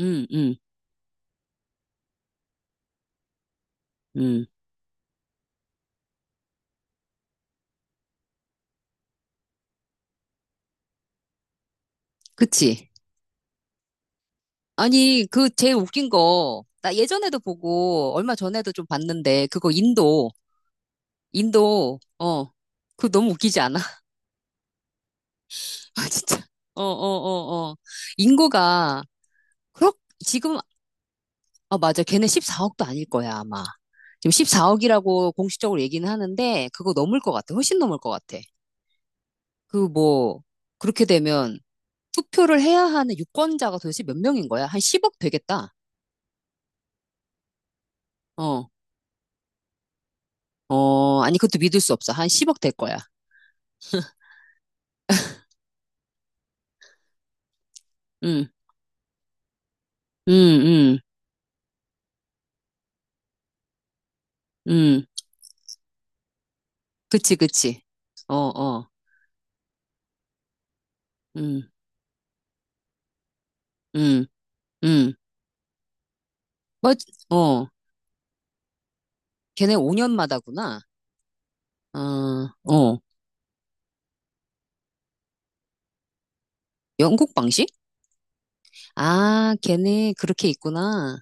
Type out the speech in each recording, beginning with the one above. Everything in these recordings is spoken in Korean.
음, 음, 음. 그치. 아니, 그 제일 웃긴 거, 나 예전에도 보고, 얼마 전에도 좀 봤는데, 그거 인도, 인도, 어, 그거 너무 웃기지 않아? 아, 진짜. 어, 어, 어, 어. 인구가, 그렇, 지금, 아, 맞아. 걔네 14억도 아닐 거야, 아마. 지금 14억이라고 공식적으로 얘기는 하는데, 그거 넘을 것 같아. 훨씬 넘을 것 같아. 그 뭐, 그렇게 되면, 투표를 해야 하는 유권자가 도대체 몇 명인 거야? 한 10억 되겠다. 어. 어, 아니, 그것도 믿을 수 없어. 한 10억 될 거야. 응, 응, 응, 응. 그치, 그치. 어, 어, 응, 응, 응. 뭐, 어, 걔네 5년마다구나. 어, 어. 영국 방식? 아, 걔네 그렇게 있구나.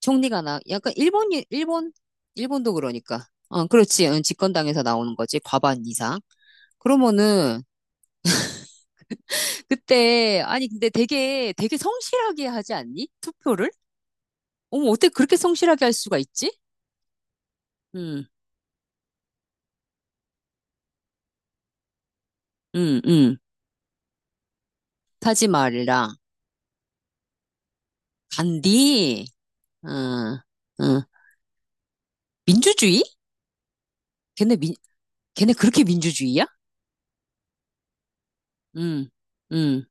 총리가 나, 약간 일본, 일본? 일본도 그러니까. 어, 그렇지. 응, 집권당에서 나오는 거지. 과반 이상. 그러면은, 그때, 아니, 근데 되게, 되게 성실하게 하지 않니? 투표를? 어머, 어떻게 그렇게 성실하게 할 수가 있지? 응, 응, 응. 타지마할이랑 간디. 응, 응. 민주주의? 걔네 민, 걔네 그렇게 민주주의야? 응, 응,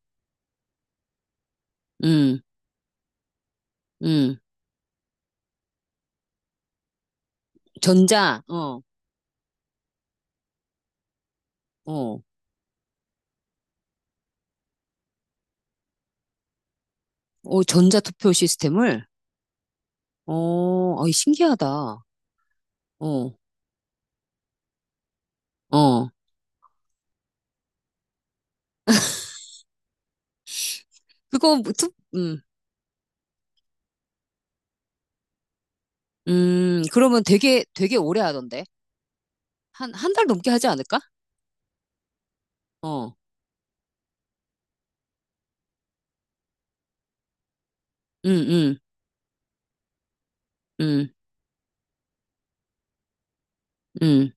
응, 응. 전자, 어, 어, 어, 전자 투표 시스템을, 어, 어이, 신기하다. 어, 어. 그거, 뭐 투, 그러면 되게, 되게 오래 하던데. 한 달 넘게 하지 않을까? 어, 응, 응, 응, 응,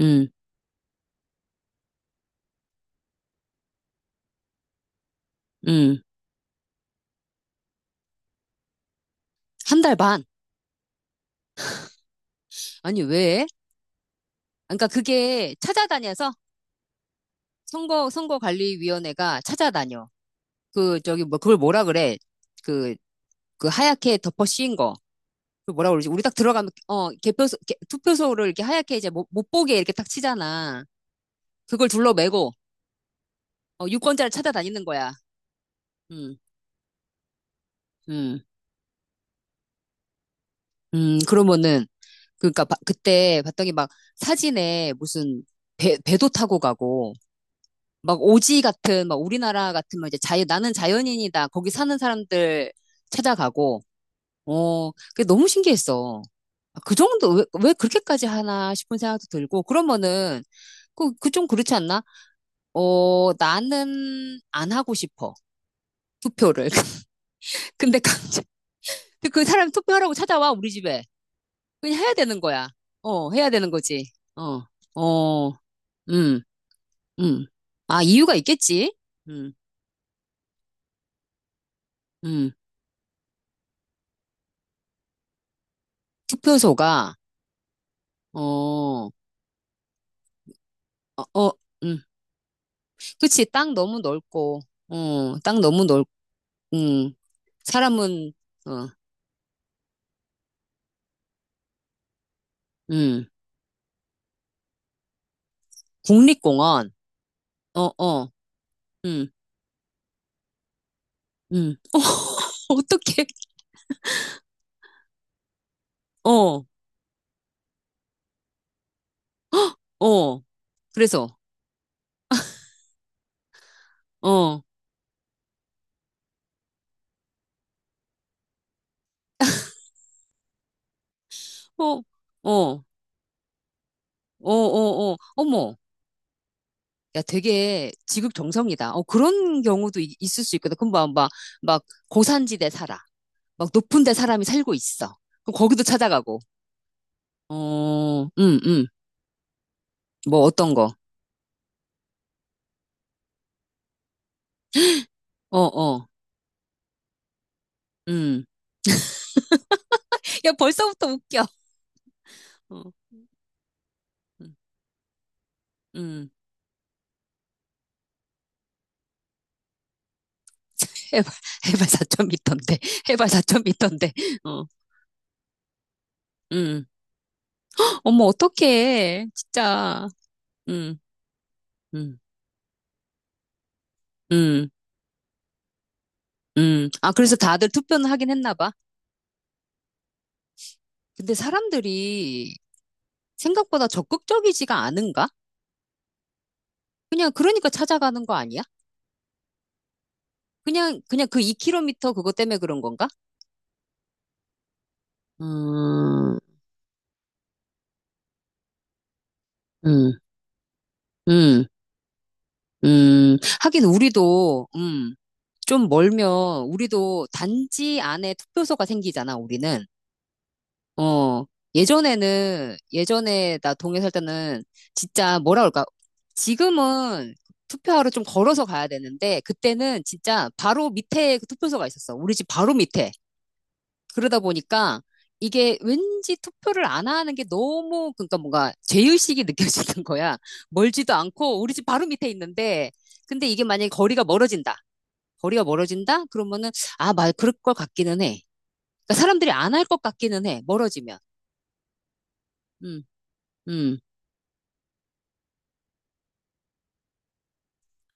응, 응. 한 달 반. 아니, 왜? 그러니까 그게 찾아다녀서 선거관리위원회가 찾아다녀. 그 저기 뭐 그걸 뭐라 그래? 그 그 하얗게 덮어 씌인 거. 그 뭐라 그러지? 우리 딱 들어가면 어 개표소 개- 투표소를 이렇게 하얗게 이제 못 보게 이렇게 딱 치잖아. 그걸 둘러매고 어, 유권자를 찾아다니는 거야. 음. 음. 음. 그러면은 그러니까 바- 그때 봤더니 막 사진에 무슨 배 배도 타고 가고 막 오지 같은 막 우리나라 같은 막 이제 자연 나는 자연인이다. 거기 사는 사람들 찾아가고 어, 그게 너무 신기했어. 아, 그 정도, 왜 그렇게까지 하나 싶은 생각도 들고, 그러면은, 그 좀 그렇지 않나? 어, 나는 안 하고 싶어. 투표를. 근데 강제, 그 사람 투표하라고 찾아와, 우리 집에. 그냥 해야 되는 거야. 어, 해야 되는 거지. 어, 어, 음, 음. 아, 이유가 있겠지? 음, 음. 투표소가, 어, 어, 어, 음. 그치, 땅 너무 넓고, 어, 땅 너무 넓, 음. 사람은, 어, 음, 국립공원, 어, 어, 음, 음, 어, 어떡해, 어, 어, 그래서, 어, 어, 어, 어, 어, 어, 어머, 야, 되게 지극정성이다. 어, 그런 경우도 이- 있을 수 있거든. 그럼 막, 막, 막 고산지대 살아. 막 높은 데 사람이 살고 있어. 그럼 거기도 찾아가고, 어, 뭐 어떤 거, 어, 어, 음. 야, 벌써부터 웃겨. 어, 음. 음. 해발, 해발 미터인데 해발 4터인데 어, 음. 어머, 어떡해, 진짜. 음, 음, 음, 아, 그래서 다들 투표는 하긴 했나 봐. 근데 사람들이 생각보다 적극적이지가 않은가? 그냥, 그러니까 찾아가는 거 아니야? 그냥, 그냥 그2미터 그거 때문에 그런 건가? 음, 음, 음, 하긴 우리도, 좀 멀면 우리도 단지 안에 투표소가 생기잖아, 우리는. 어, 예전에 나 동해 살 때는 진짜 뭐라 그럴까. 지금은 투표하러 좀 걸어서 가야 되는데, 그때는 진짜 바로 밑에 그 투표소가 있었어. 우리 집 바로 밑에. 그러다 보니까 이게 왠지 투표를 안 하는 게 너무, 그러니까 뭔가 죄의식이 느껴지는 거야. 멀지도 않고 우리 집 바로 밑에 있는데, 근데 이게 만약에 거리가 멀어진다. 거리가 멀어진다? 그러면은, 아, 말, 그럴 것 같기는 해. 그러니까 사람들이 안 할 것 같기는 해. 멀어지면. 음. 음.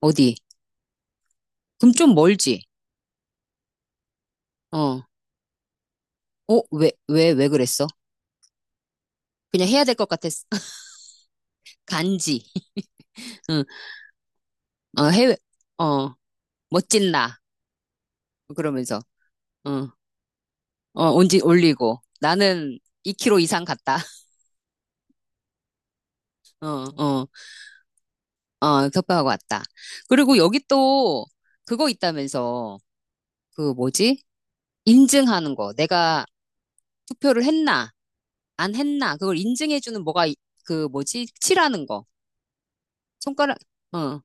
어디? 그럼 좀 멀지? 어. 어, 왜 그랬어? 그냥 해야 될 것 같았어. 간지. 응. 어, 해외, 어, 멋진 나. 그러면서, 어. 어, 온지 올리고. 나는 2kg 이상 갔다. 어, 어, 어, 협박하고 왔다. 그리고 여기 또 그거 있다면서. 그 뭐지? 인증하는 거. 내가 투표를 했나, 안 했나. 그걸 인증해주는 뭐가, 이- 그 뭐지? 칠하는 거. 손가락, 어,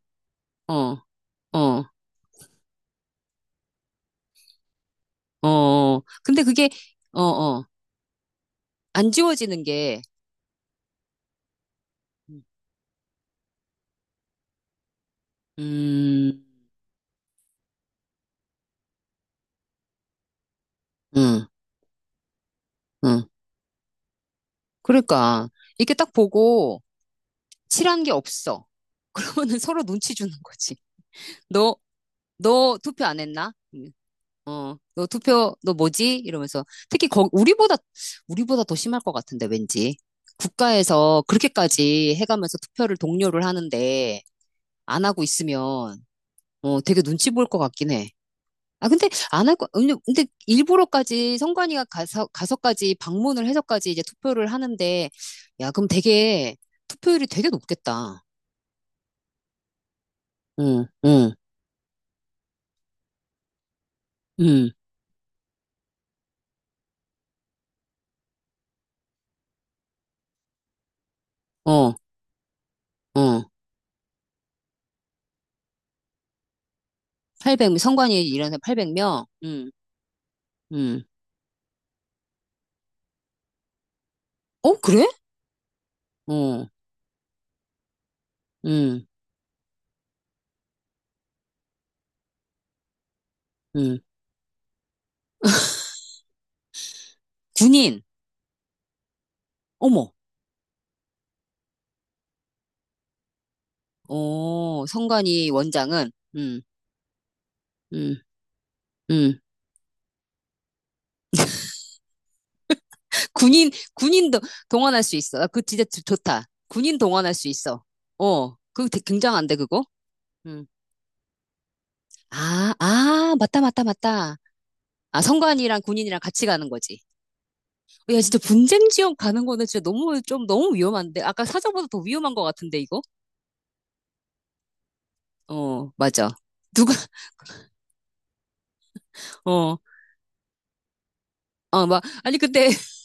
어, 어. 어, 어. 근데 그게, 어, 어, 안 지워지는 게, 음, 응, 응. 그러니까, 이렇게 딱 보고, 칠한 게 없어. 그러면은 서로 눈치 주는 거지. 너, 너 투표 안 했나? 어, 너 투표, 너 뭐지? 이러면서. 특히, 거, 우리보다, 우리보다 더 심할 것 같은데, 왠지. 국가에서 그렇게까지 해가면서 투표를 독려를 하는데, 안 하고 있으면, 어, 되게 눈치 볼 것 같긴 해. 아, 근데 안 할 거, 근데, 근데 일부러까지 선관위가 가서, 가서까지 방문을 해서까지 이제 투표를 하는데, 야, 그럼 되게, 투표율이 되게 높겠다. 응, 응, 응, 어, 어. 800, 선관위 일하는 800명? 응, 응. 어, 그래? 어, 응, 응. 군인, 어머, 어, 선관위 원장은, 응, 응, 응. 군인, 군인도 동원할 수 있어. 아, 그거 진짜 좋- 좋다. 군인 동원할 수 있어. 어, 그거 되게 굉장한데, 그거? 음. 아, 아, 맞다, 맞다, 맞다. 아, 선관이랑 군인이랑 같이 가는 거지. 어, 야, 진짜 분쟁 지역 가는 거는 진짜 너무, 좀 너무 위험한데? 아까 사정보다 더 위험한 것 같은데, 이거? 어, 맞아. 누가, 어, 어, 막, 아니, 근데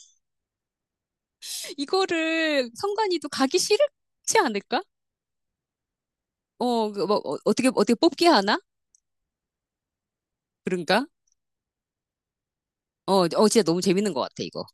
이거를 선관이도 가기 싫지 않을까? 어, 그 뭐, 어, 어떻게, 어떻게 뽑기 하나? 그런가? 어, 어, 진짜 너무 재밌는 것 같아, 이거.